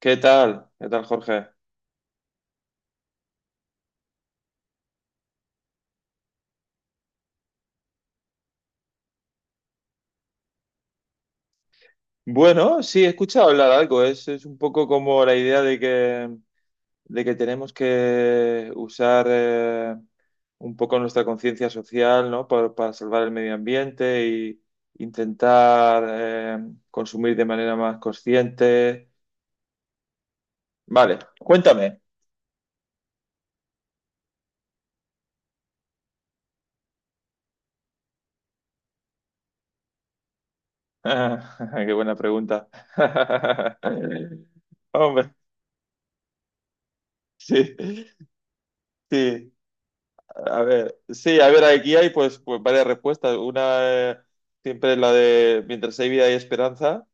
¿Qué tal? ¿Qué tal, Jorge? Bueno, sí, he escuchado hablar algo. Es un poco como la idea de que tenemos que usar un poco nuestra conciencia social, ¿no? Para salvar el medio ambiente y intentar consumir de manera más consciente. Vale, cuéntame. Qué buena pregunta. Hombre, sí, sí. A ver, sí, a ver, aquí hay pues varias respuestas. Una eh, siempre es la de mientras hay vida hay esperanza,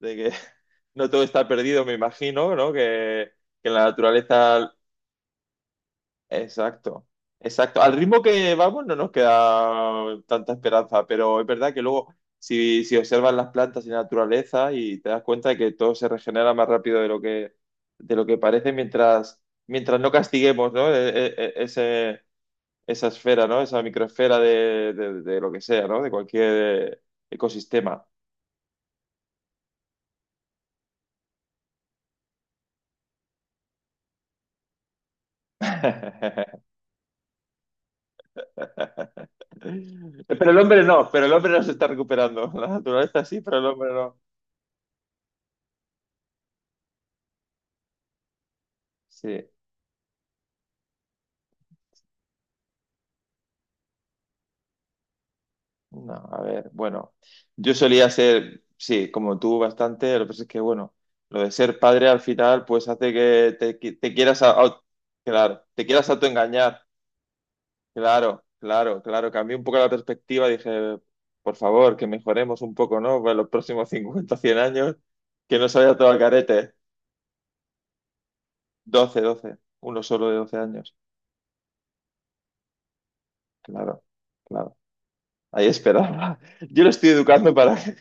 de que no todo está perdido, me imagino, ¿no? Que la naturaleza. Exacto, exacto. Al ritmo que vamos no nos queda tanta esperanza, pero es verdad que luego si observas las plantas y la naturaleza y te das cuenta de que todo se regenera más rápido de lo que parece mientras no castiguemos, ¿no? E- e- e- ese esa esfera, ¿no? Esa microesfera de lo que sea, ¿no? De cualquier ecosistema. Pero pero el hombre no se está recuperando. La naturaleza sí, pero el hombre no. Sí, no, a ver, bueno, yo solía ser, sí, como tú bastante, lo que pasa es que, bueno, lo de ser padre al final, pues hace que te quieras, claro, te quieras autoengañar. Claro, claro, claro. Cambié un poco la perspectiva. Dije, por favor, que mejoremos un poco, ¿no? Para los próximos 50, 100 años, que no se vaya todo al carete. 12, 12. Uno solo de 12 años. Claro, claro. Ahí esperaba. Yo lo estoy educando para que,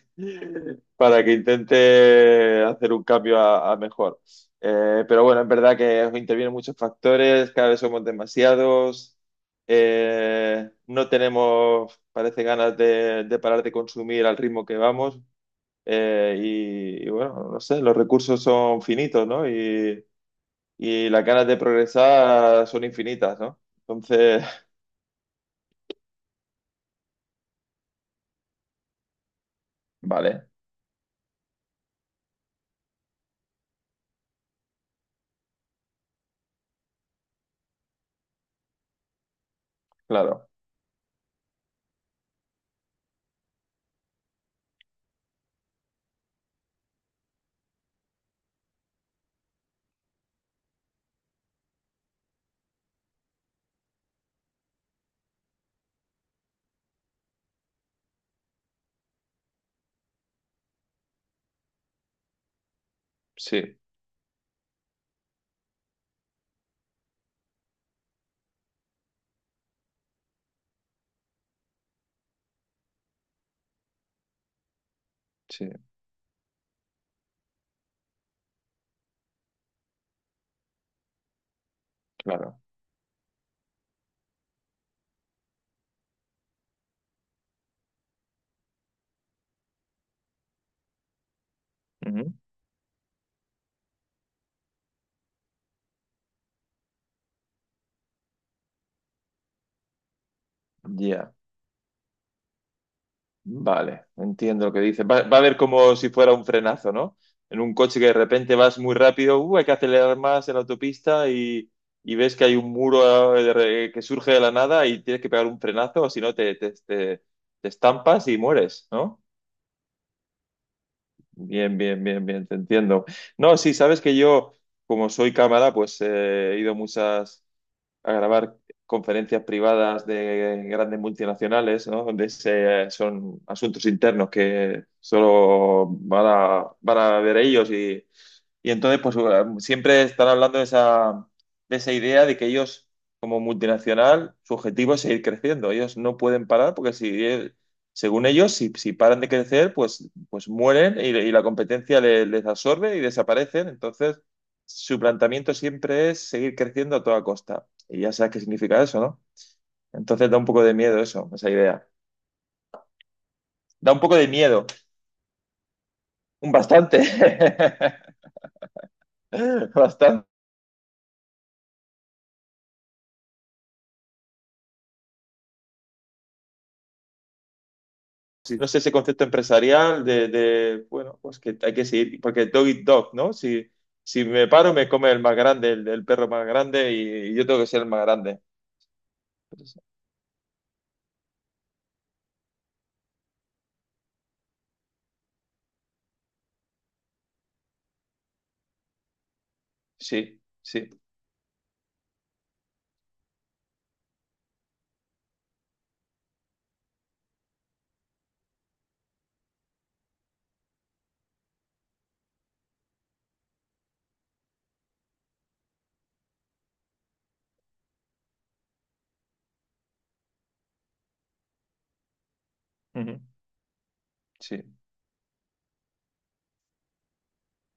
para que intente hacer un cambio a mejor. Pero bueno, es verdad que intervienen muchos factores, cada vez somos demasiados. No tenemos, parece, ganas de parar de consumir al ritmo que vamos. Eh, y bueno, no sé, los recursos son finitos, ¿no? Y las ganas de progresar son infinitas, ¿no? Entonces, vale, claro, sí, sí, claro. Ya, vale, entiendo lo que dice. Va a haber como si fuera un frenazo, ¿no? En un coche que de repente vas muy rápido, hay que acelerar más en la autopista y ves que hay un muro que surge de la nada y tienes que pegar un frenazo, o si no te estampas y mueres, ¿no? Bien, bien, bien, bien, te entiendo. No, sí, sabes que yo, como soy cámara, pues he ido a muchas, a grabar conferencias privadas de grandes multinacionales, ¿no? Donde son asuntos internos que solo van a ver ellos y entonces pues siempre están hablando de esa idea de que ellos como multinacional su objetivo es seguir creciendo. Ellos no pueden parar porque si según ellos si paran de crecer pues mueren y la competencia les absorbe y desaparecen. Entonces su planteamiento siempre es seguir creciendo a toda costa. Y ya sabes qué significa eso, ¿no? Entonces da un poco de miedo eso, esa idea. Da un poco de miedo, un bastante. Bastante. Sí, no sé ese concepto empresarial de, bueno, pues que hay que seguir, porque dog eat dog, ¿no? Si, si me paro, me come el más grande, el perro más grande, y yo tengo que ser el más grande. Pues, sí, sí. Ujú, sí.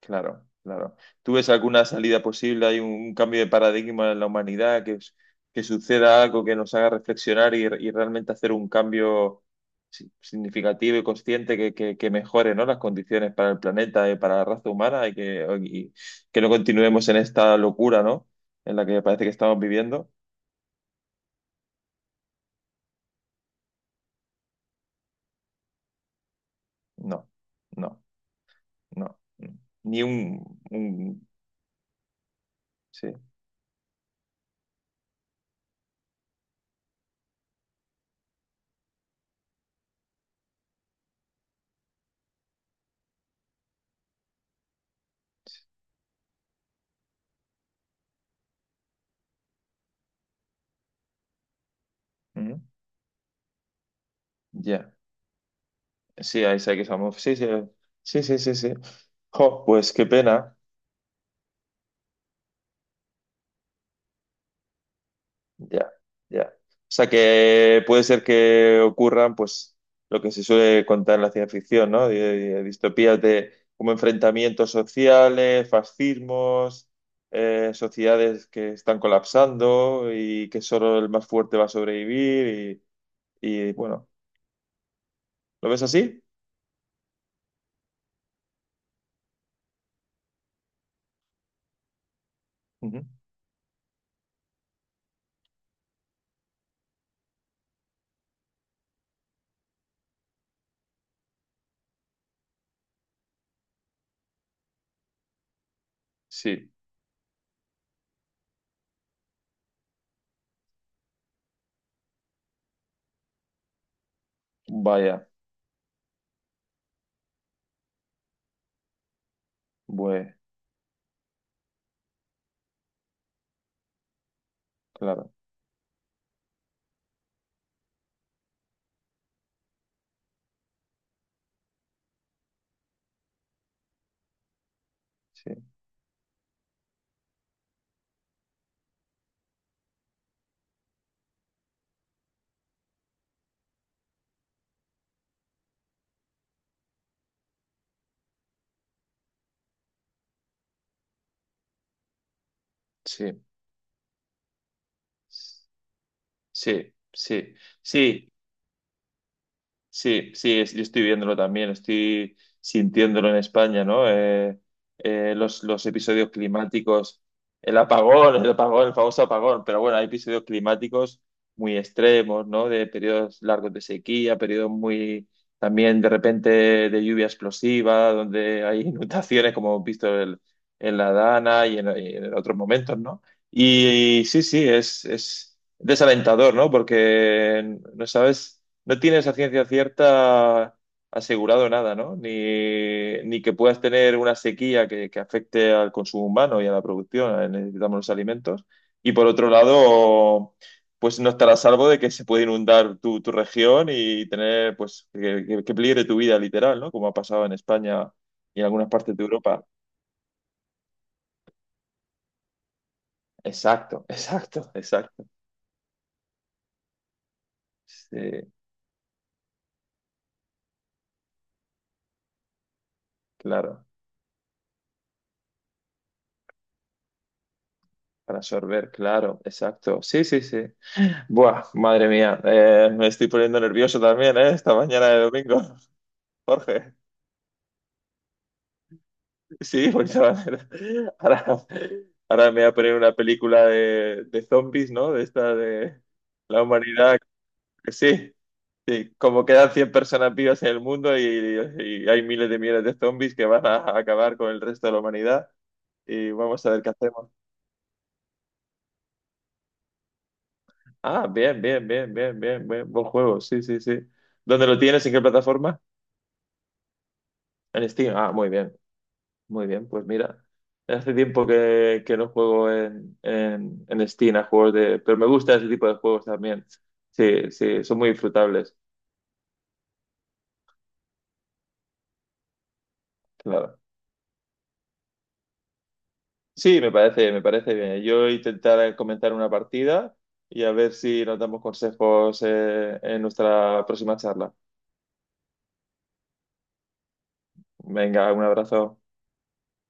Claro, claro. ¿Tú ves alguna salida posible? ¿Hay un cambio de paradigma en la humanidad? Que suceda algo que nos haga reflexionar y realmente hacer un cambio significativo y consciente que mejore, ¿no? Las condiciones para el planeta y para la raza humana y que no continuemos en esta locura, ¿no? En la que parece que estamos viviendo. No, no, no, no. Ni sí. Ujú. Ya. Sí, Isaac Asimov. Sí, sí, sí, sí, sí, sí. Jo, pues qué pena. Ya, ya. O sea que puede ser que ocurran, pues, lo que se suele contar en la ciencia ficción, ¿no? De distopías de como enfrentamientos sociales, fascismos, sociedades que están colapsando y que solo el más fuerte va a sobrevivir bueno, ¿lo ves así? Ujú. Sí, vaya, bueno, claro, sí, sí. Sí, sí, sí. Sí, sí, yo estoy viéndolo también, estoy sintiéndolo en España, ¿no? Los episodios climáticos, el apagón, el apagón, el famoso apagón, pero bueno, hay episodios climáticos muy extremos, ¿no? De periodos largos de sequía, periodos muy también de repente de lluvia explosiva, donde hay inundaciones, como hemos visto en la Dana y en otros momentos, ¿no? Y, sí, sí, es desalentador, ¿no? Porque no sabes. No tienes a ciencia cierta asegurado nada, ¿no? Ni que puedas tener una sequía que afecte al consumo humano y a la producción, necesitamos los alimentos. Y por otro lado, pues no estar a salvo de que se puede inundar tu región y tener, pues, que peligre tu vida literal, ¿no? Como ha pasado en España y en algunas partes de Europa. Exacto, exacto, exacto. Sí, claro. Para absorber, claro, exacto. Sí, sí, sí. Buah, madre mía, me estoy poniendo nervioso también, ¿eh? Esta mañana de domingo, Jorge. Sí, pues ahora, ahora me voy a poner una película de zombies, ¿no? De esta de la humanidad. Sí, sí, como quedan 100 personas vivas en el mundo y hay miles de millones de zombies que van a acabar con el resto de la humanidad y vamos a ver qué hacemos. Ah, bien, bien, bien, bien, bien, bien, buen juego, sí, sí, sí. ¿Dónde lo tienes? ¿En qué plataforma? En Steam. Ah, muy bien. Muy bien, pues mira, hace tiempo que no juego en Steam a juegos de. Pero me gusta ese tipo de juegos también. Sí, sí, son muy disfrutables, claro. Sí, me parece bien. Yo intentaré comenzar una partida y a ver si nos damos consejos en nuestra próxima charla. Venga, un abrazo.